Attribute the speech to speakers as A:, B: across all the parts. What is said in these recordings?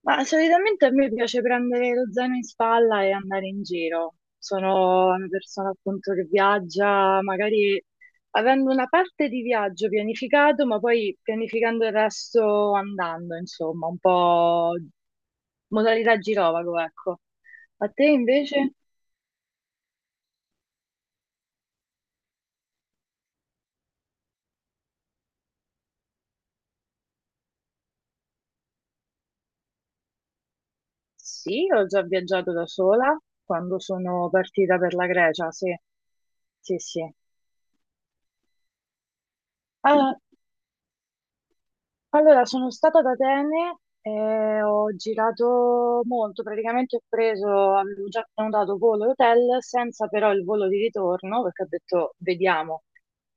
A: Ma solitamente a me piace prendere lo zaino in spalla e andare in giro. Sono una persona appunto che viaggia, magari avendo una parte di viaggio pianificato, ma poi pianificando il resto andando, insomma, un po' modalità girovago, ecco. A te invece? Sì, ho già viaggiato da sola quando sono partita per la Grecia, sì, sì, sì. Allora, sono stata ad Atene e ho girato molto, praticamente ho preso, avevo già prenotato volo e hotel senza però il volo di ritorno, perché ho detto vediamo.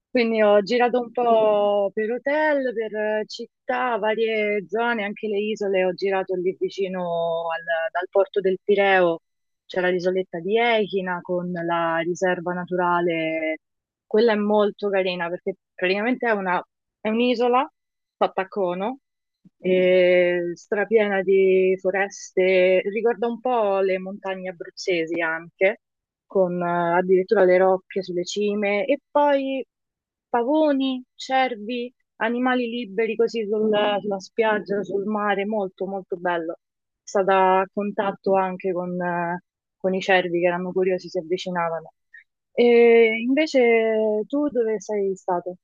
A: Quindi ho girato un po' per hotel, per città, varie zone, anche le isole. Ho girato lì vicino dal porto del Pireo, c'era l'isoletta di Echina con la riserva naturale. Quella è molto carina perché praticamente è un'isola fatta a cono, e strapiena di foreste. Ricorda un po' le montagne abruzzesi anche con addirittura le rocce sulle cime, e poi pavoni, cervi, animali liberi così sulla spiaggia, sul mare, molto molto bello. È stata a contatto anche con i cervi che erano curiosi, si avvicinavano. E invece tu dove sei stato?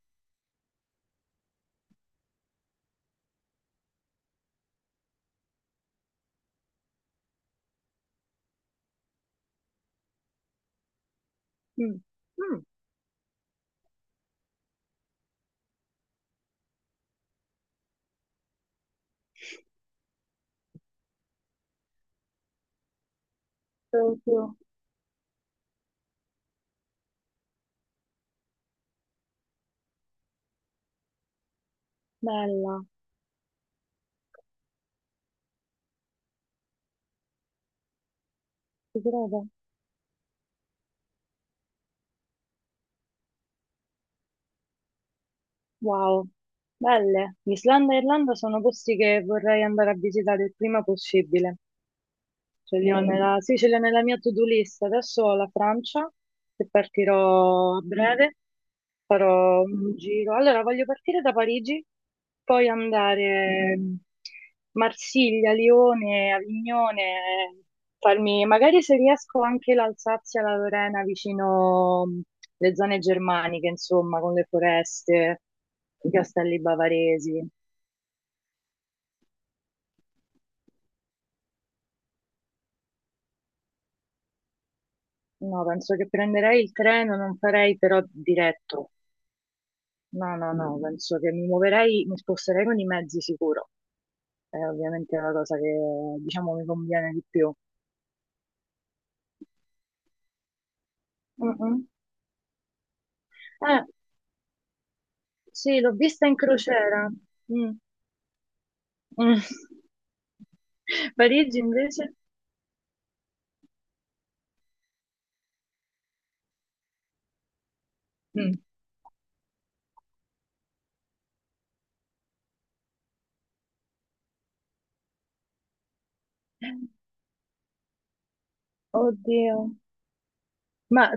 A: Mm. Mm. Tokyo, bella, ti credo. Wow, belle. Islanda e Irlanda sono posti che vorrei andare a visitare il prima possibile. Ce li ho nella, sì, ce li ho nella mia to-do list. Adesso ho la Francia, che partirò a breve, farò un giro. Allora, voglio partire da Parigi, poi andare Marsiglia, Lione, Avignone, farmi magari se riesco anche l'Alsazia, la Lorena, vicino le zone germaniche, insomma, con le foreste, i castelli bavaresi. No, penso che prenderei il treno, non farei però diretto. No, no, no, penso che mi muoverei, mi sposterei con i mezzi sicuro. È una cosa che, diciamo, mi conviene di più. Mm, mm. Eh, sì, l'ho vista in crociera. Mm, mm. Parigi invece? Mm. Oddio. Ma,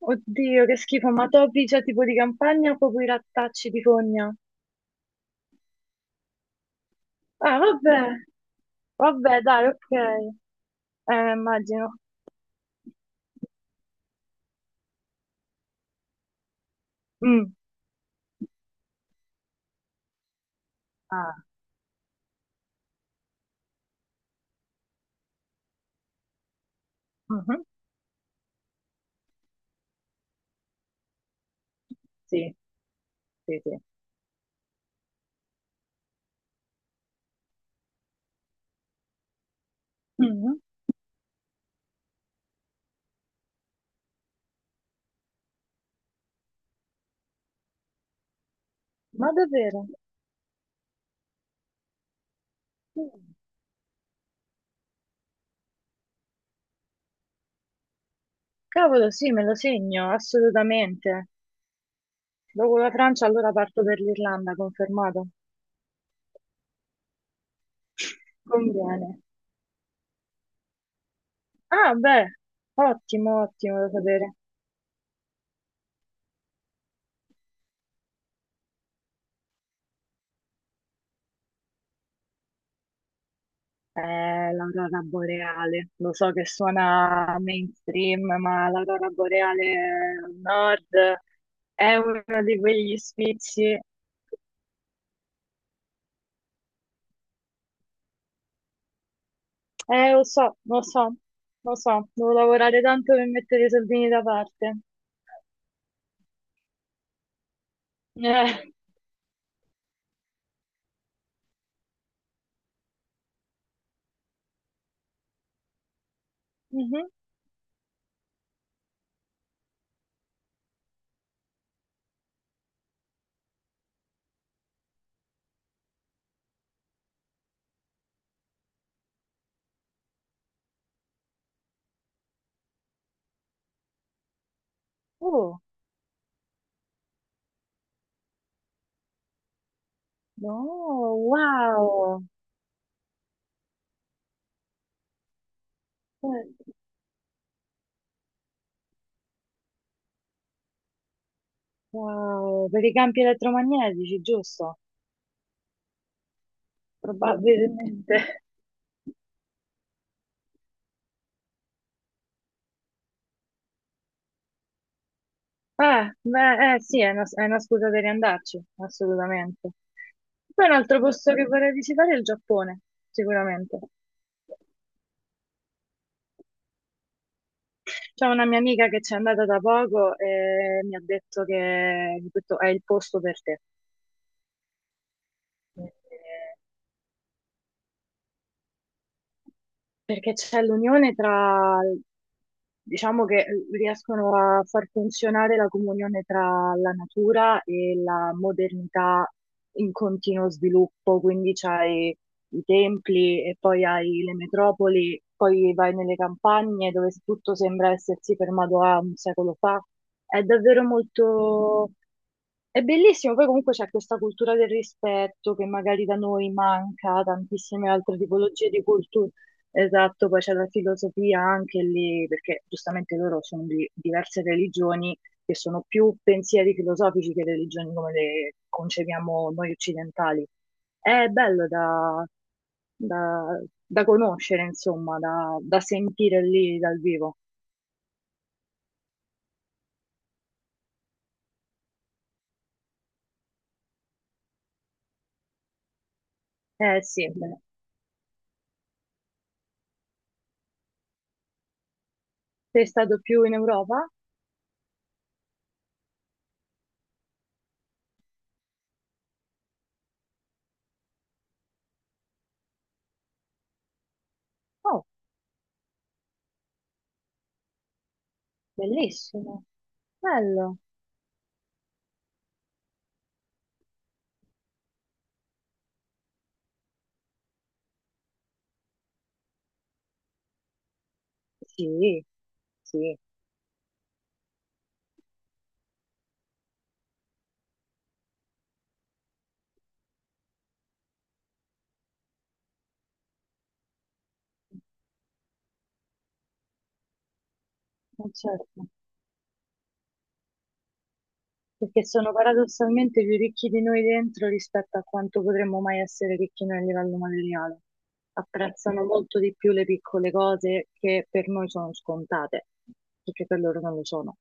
A: oddio, che schifo, ma topi c'è tipo di campagna o proprio i rattacci di fogna? Ah, vabbè, vabbè, dai, ok. Immagino. Mm. Ah. Mhm. Sì, sì, sì. Mm. Ma davvero? Mm. Cavolo, sì, me lo segno, assolutamente. Dopo la Francia allora parto per l'Irlanda, confermato. Conviene. Ah, beh, ottimo, ottimo da sapere. L'aurora boreale, lo so che suona mainstream, ma l'aurora boreale al nord è uno di quegli sfizi. Lo so, lo so, lo so, devo lavorare tanto per mettere i soldini da parte. Eh. Mhm. Oh, no, wow. Eh, wow, per i campi elettromagnetici, giusto? Probabilmente. Ah, beh, sì, è una scusa per andarci, assolutamente. Poi un altro posto che vorrei visitare è il Giappone, sicuramente. C'è una mia amica che c'è andata da poco e mi ha detto che questo è il posto per te. Perché c'è l'unione tra, diciamo che riescono a far funzionare la comunione tra la natura e la modernità in continuo sviluppo, quindi c'hai i templi e poi hai le metropoli, poi vai nelle campagne dove tutto sembra essersi fermato a un secolo fa. È davvero molto... È bellissimo, poi comunque c'è questa cultura del rispetto che magari da noi manca, tantissime altre tipologie di cultura. Esatto, poi c'è la filosofia anche lì, perché giustamente loro sono di diverse religioni che sono più pensieri filosofici che religioni come le concepiamo noi occidentali. È bello da conoscere, insomma, da sentire lì dal vivo. Eh sì, beh. Sei stato più in Europa? Oh, bellissimo. Bello. Sì, sì. Ma certo. Perché sono paradossalmente più ricchi di noi dentro rispetto a quanto potremmo mai essere ricchi noi a livello materiale. Apprezzano molto di più le piccole cose che per noi sono scontate, perché per loro non lo sono.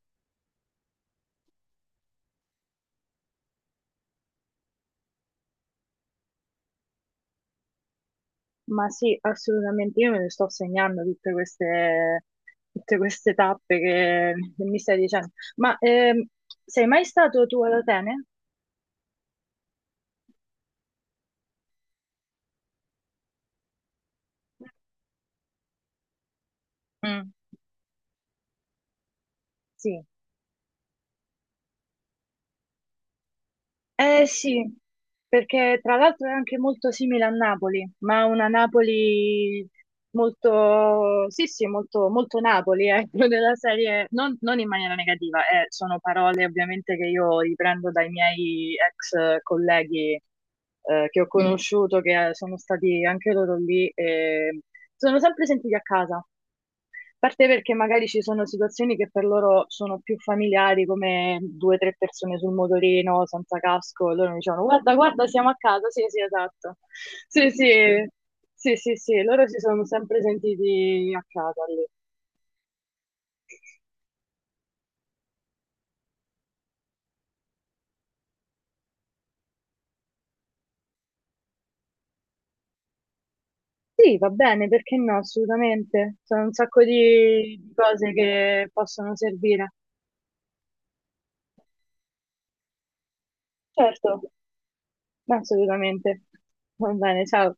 A: Ma sì, assolutamente, io me ne sto segnando tutte queste tappe che mi stai dicendo. Ma sei mai stato tu ad Atene? Mm. Sì, eh sì, perché tra l'altro è anche molto simile a Napoli, ma una Napoli molto, sì sì, molto, molto Napoli, ecco, della serie, non in maniera negativa, sono parole ovviamente che io riprendo dai miei ex colleghi che ho conosciuto, che sono stati anche loro lì, e sono sempre sentiti a casa parte perché magari ci sono situazioni che per loro sono più familiari, come due o tre persone sul motorino senza casco, e loro mi dicevano guarda, guarda, siamo a casa, sì, sì, esatto. Sì, sì, sì, sì, sì, loro si sono sempre sentiti a casa lì. Sì, va bene, perché no, assolutamente. Sono un sacco di cose che possono servire. Certo, assolutamente. Va bene, ciao.